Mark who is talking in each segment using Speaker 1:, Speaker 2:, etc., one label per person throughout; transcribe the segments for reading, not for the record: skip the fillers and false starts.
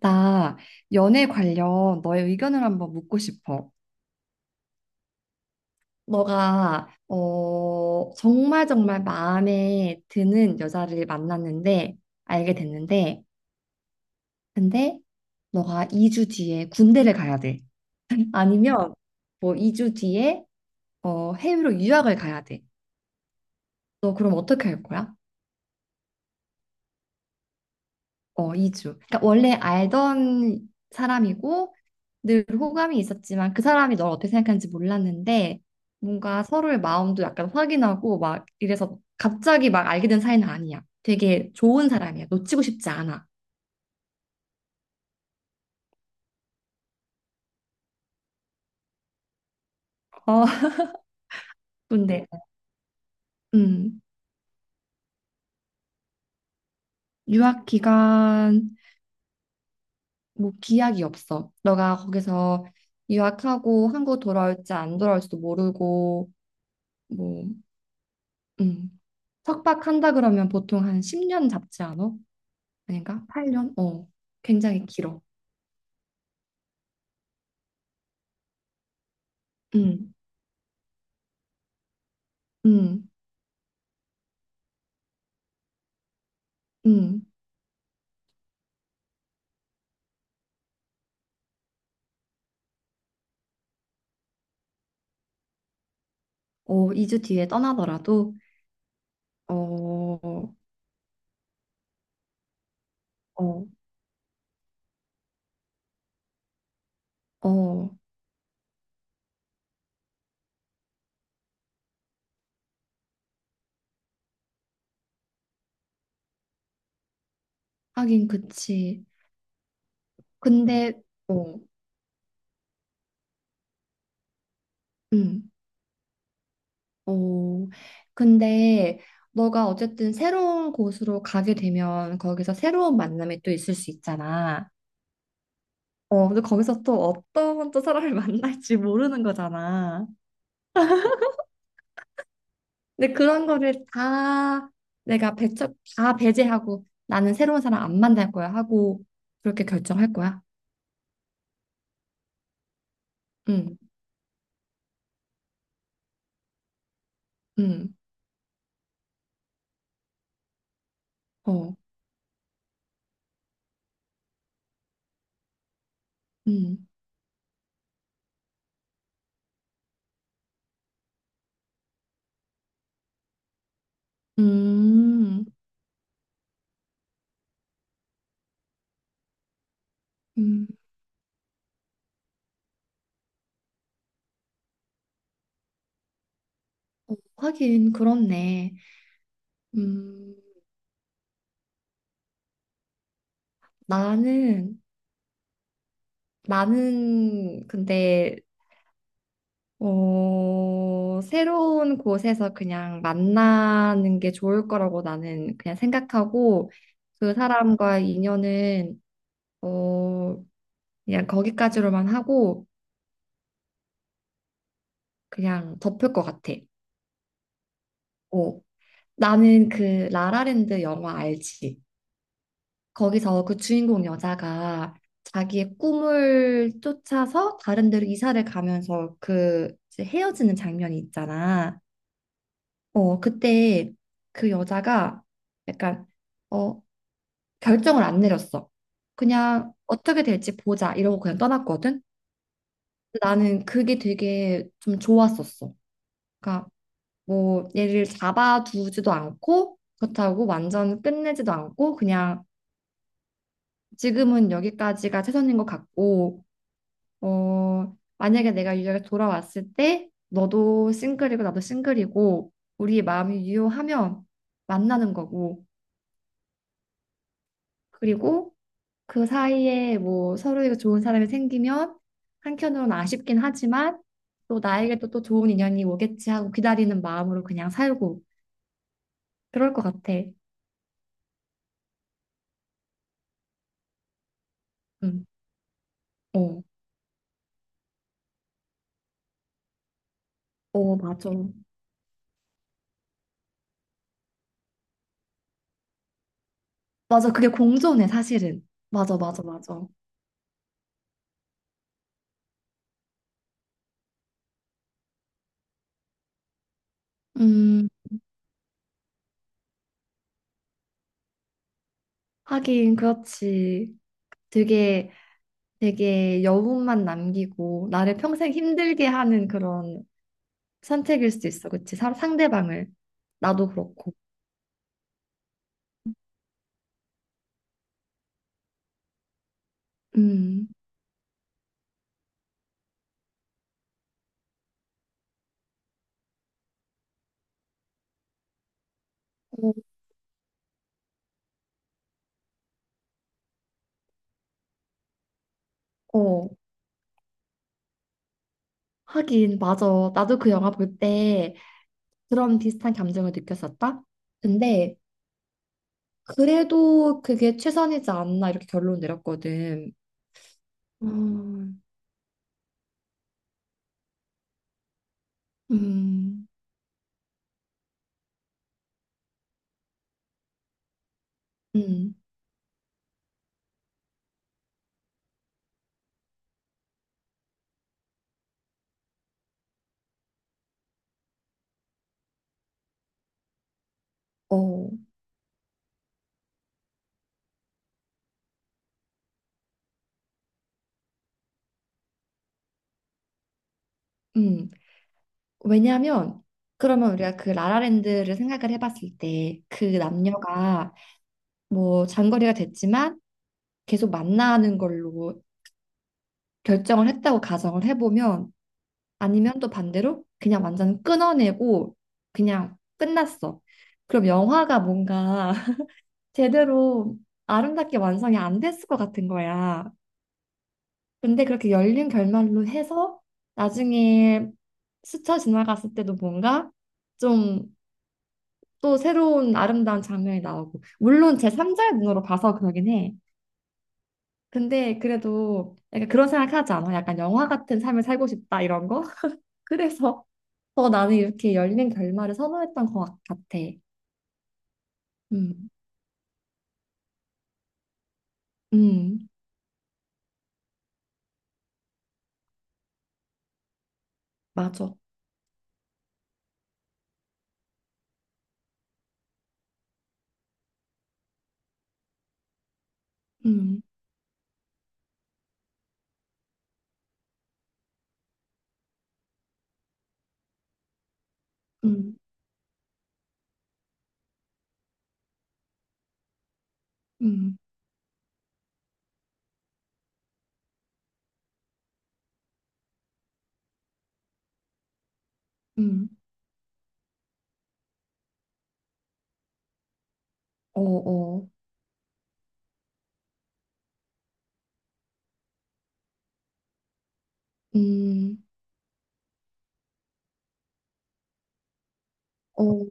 Speaker 1: 나 연애 관련 너의 의견을 한번 묻고 싶어. 너가 정말 정말 마음에 드는 여자를 만났는데 알게 됐는데 근데 너가 2주 뒤에 군대를 가야 돼. 아니면 뭐 2주 뒤에 해외로 유학을 가야 돼. 너 그럼 어떻게 할 거야? 이주. 그러니까 원래 알던 사람이고 늘 호감이 있었지만 그 사람이 널 어떻게 생각하는지 몰랐는데 뭔가 서로의 마음도 약간 확인하고 막 이래서 갑자기 막 알게 된 사이는 아니야. 되게 좋은 사람이야. 놓치고 싶지 않아. 어, 근데 음, 유학 기간 뭐 기약이 없어. 너가 거기서 유학하고 한국 돌아올지 안 돌아올지도 모르고 뭐 음. 석박한다 그러면 보통 한 10년 잡지 않아? 아닌가? 8년? 굉장히 길어. 음, 음, 음. 어, 2주 뒤에 떠나더라도, 어, 어, 어, 하긴 그치. 근데, 어, 음, 어, 근데 너가 어쨌든 새로운 곳으로 가게 되면 거기서 새로운 만남이 또 있을 수 있잖아. 근데 거기서 또 어떤 또 사람을 만날지 모르는 거잖아. 근데 그런 거를 다 배제하고 나는 새로운 사람 안 만날 거야 하고 그렇게 결정할 거야. 응, 응, 어, 응, 음, 음, 어, 하긴 그렇네. 음, 나는, 나는 근데, 새로운 곳에서 그냥 만나는 게 좋을 거라고 나는 그냥 생각하고 그 사람과 인연은 어, 그냥 거기까지로만 하고 그냥 덮을 것 같아. 어. 나는 그 라라랜드 영화 알지? 거기서 그 주인공 여자가 자기의 꿈을 쫓아서 다른 데로 이사를 가면서 그 이제 헤어지는 장면이 있잖아. 그때 그 여자가 약간 어, 결정을 안 내렸어. 그냥 어떻게 될지 보자 이러고 그냥 떠났거든. 나는 그게 되게 좀 좋았었어. 그러니까 뭐 얘를 잡아두지도 않고 그렇다고 완전 끝내지도 않고 그냥 지금은 여기까지가 최선인 것 같고 만약에 내가 유역에 돌아왔을 때 너도 싱글이고 나도 싱글이고 우리 마음이 유효하면 만나는 거고 그리고 그 사이에 뭐 서로에게 좋은 사람이 생기면 한켠으로는 아쉽긴 하지만 또 나에게 또 좋은 인연이 오겠지 하고 기다리는 마음으로 그냥 살고 그럴 것 같아. 응. 어. 어, 맞아. 맞아. 그게 공존해, 사실은. 맞아, 맞아, 맞아. 음, 하긴, 그렇지. 되게, 되게 여운만 남기고, 나를 평생 힘들게 하는 그런 선택일 수도 있어. 그치? 상대방을. 나도 그렇고. 음, 어, 어. 하긴, 맞아. 나도 그 영화 볼 때 그런 비슷한 감정을 느꼈었다. 근데, 그래도 그게 최선이지 않나, 이렇게 결론 내렸거든. 음, 음, 음, 어, 음. 왜냐하면 그러면 우리가 그 라라랜드를 생각을 해봤을 때 그 남녀가 뭐 장거리가 됐지만 계속 만나는 걸로 결정을 했다고 가정을 해보면 아니면 또 반대로 그냥 완전 끊어내고 그냥 끝났어. 그럼 영화가 뭔가 제대로 아름답게 완성이 안 됐을 것 같은 거야. 근데 그렇게 열린 결말로 해서 나중에 스쳐 지나갔을 때도 뭔가 좀 또 새로운 아름다운 장면이 나오고 물론 제 삼 자의 눈으로 봐서 그러긴 해. 근데 그래도 약간 그런 생각하지 않아? 약간 영화 같은 삶을 살고 싶다 이런 거? 그래서 더 나는 이렇게 열린 결말을 선호했던 것 같아. 음, 음, 맞아. 음, 음, 음, 음, 어, 어, 음, 어,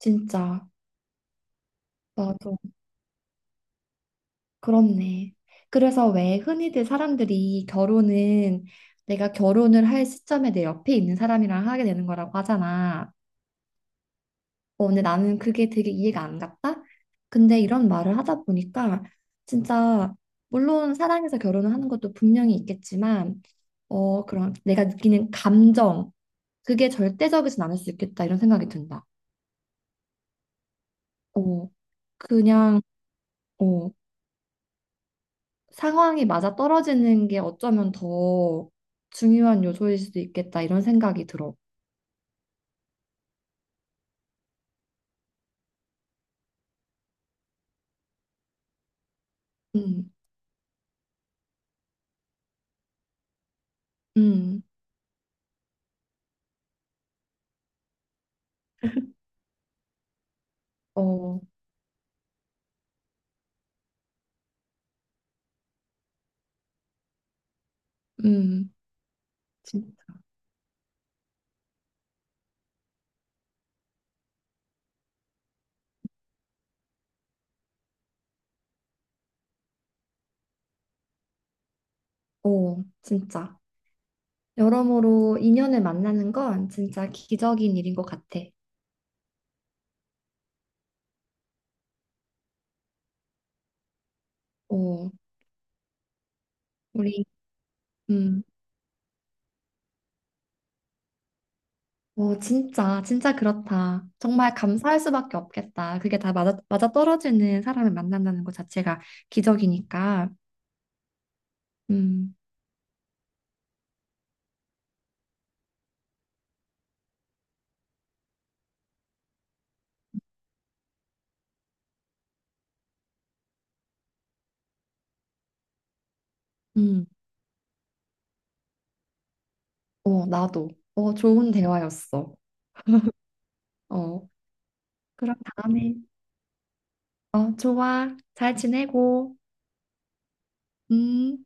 Speaker 1: 진짜 맞아. 그렇네. 그래서 왜 흔히들 사람들이 결혼은 내가 결혼을 할 시점에 내 옆에 있는 사람이랑 하게 되는 거라고 하잖아. 근데 나는 그게 되게 이해가 안 갔다? 근데 이런 말을 하다 보니까 진짜 물론 사랑해서 결혼을 하는 것도 분명히 있겠지만 그런 내가 느끼는 감정 그게 절대적이진 않을 수 있겠다 이런 생각이 든다. 어, 그냥 어, 상황이 맞아떨어지는 게 어쩌면 더 중요한 요소일 수도 있겠다 이런 생각이 들어. 음, 음, 어, 음, 진짜. 어, 진짜. 여러모로 인연을 만나는 건 진짜 기적인 일인 것 같아. 어, 우리, 음, 진짜, 진짜 그렇다. 정말 감사할 수밖에 없겠다. 그게 다 맞아떨어지는 사람을 만난다는 것 자체가 기적이니까. 음, 음, 어, 나도. 어, 좋은 대화였어. 어. 그럼 다음에, 좋아. 잘 지내고, 음.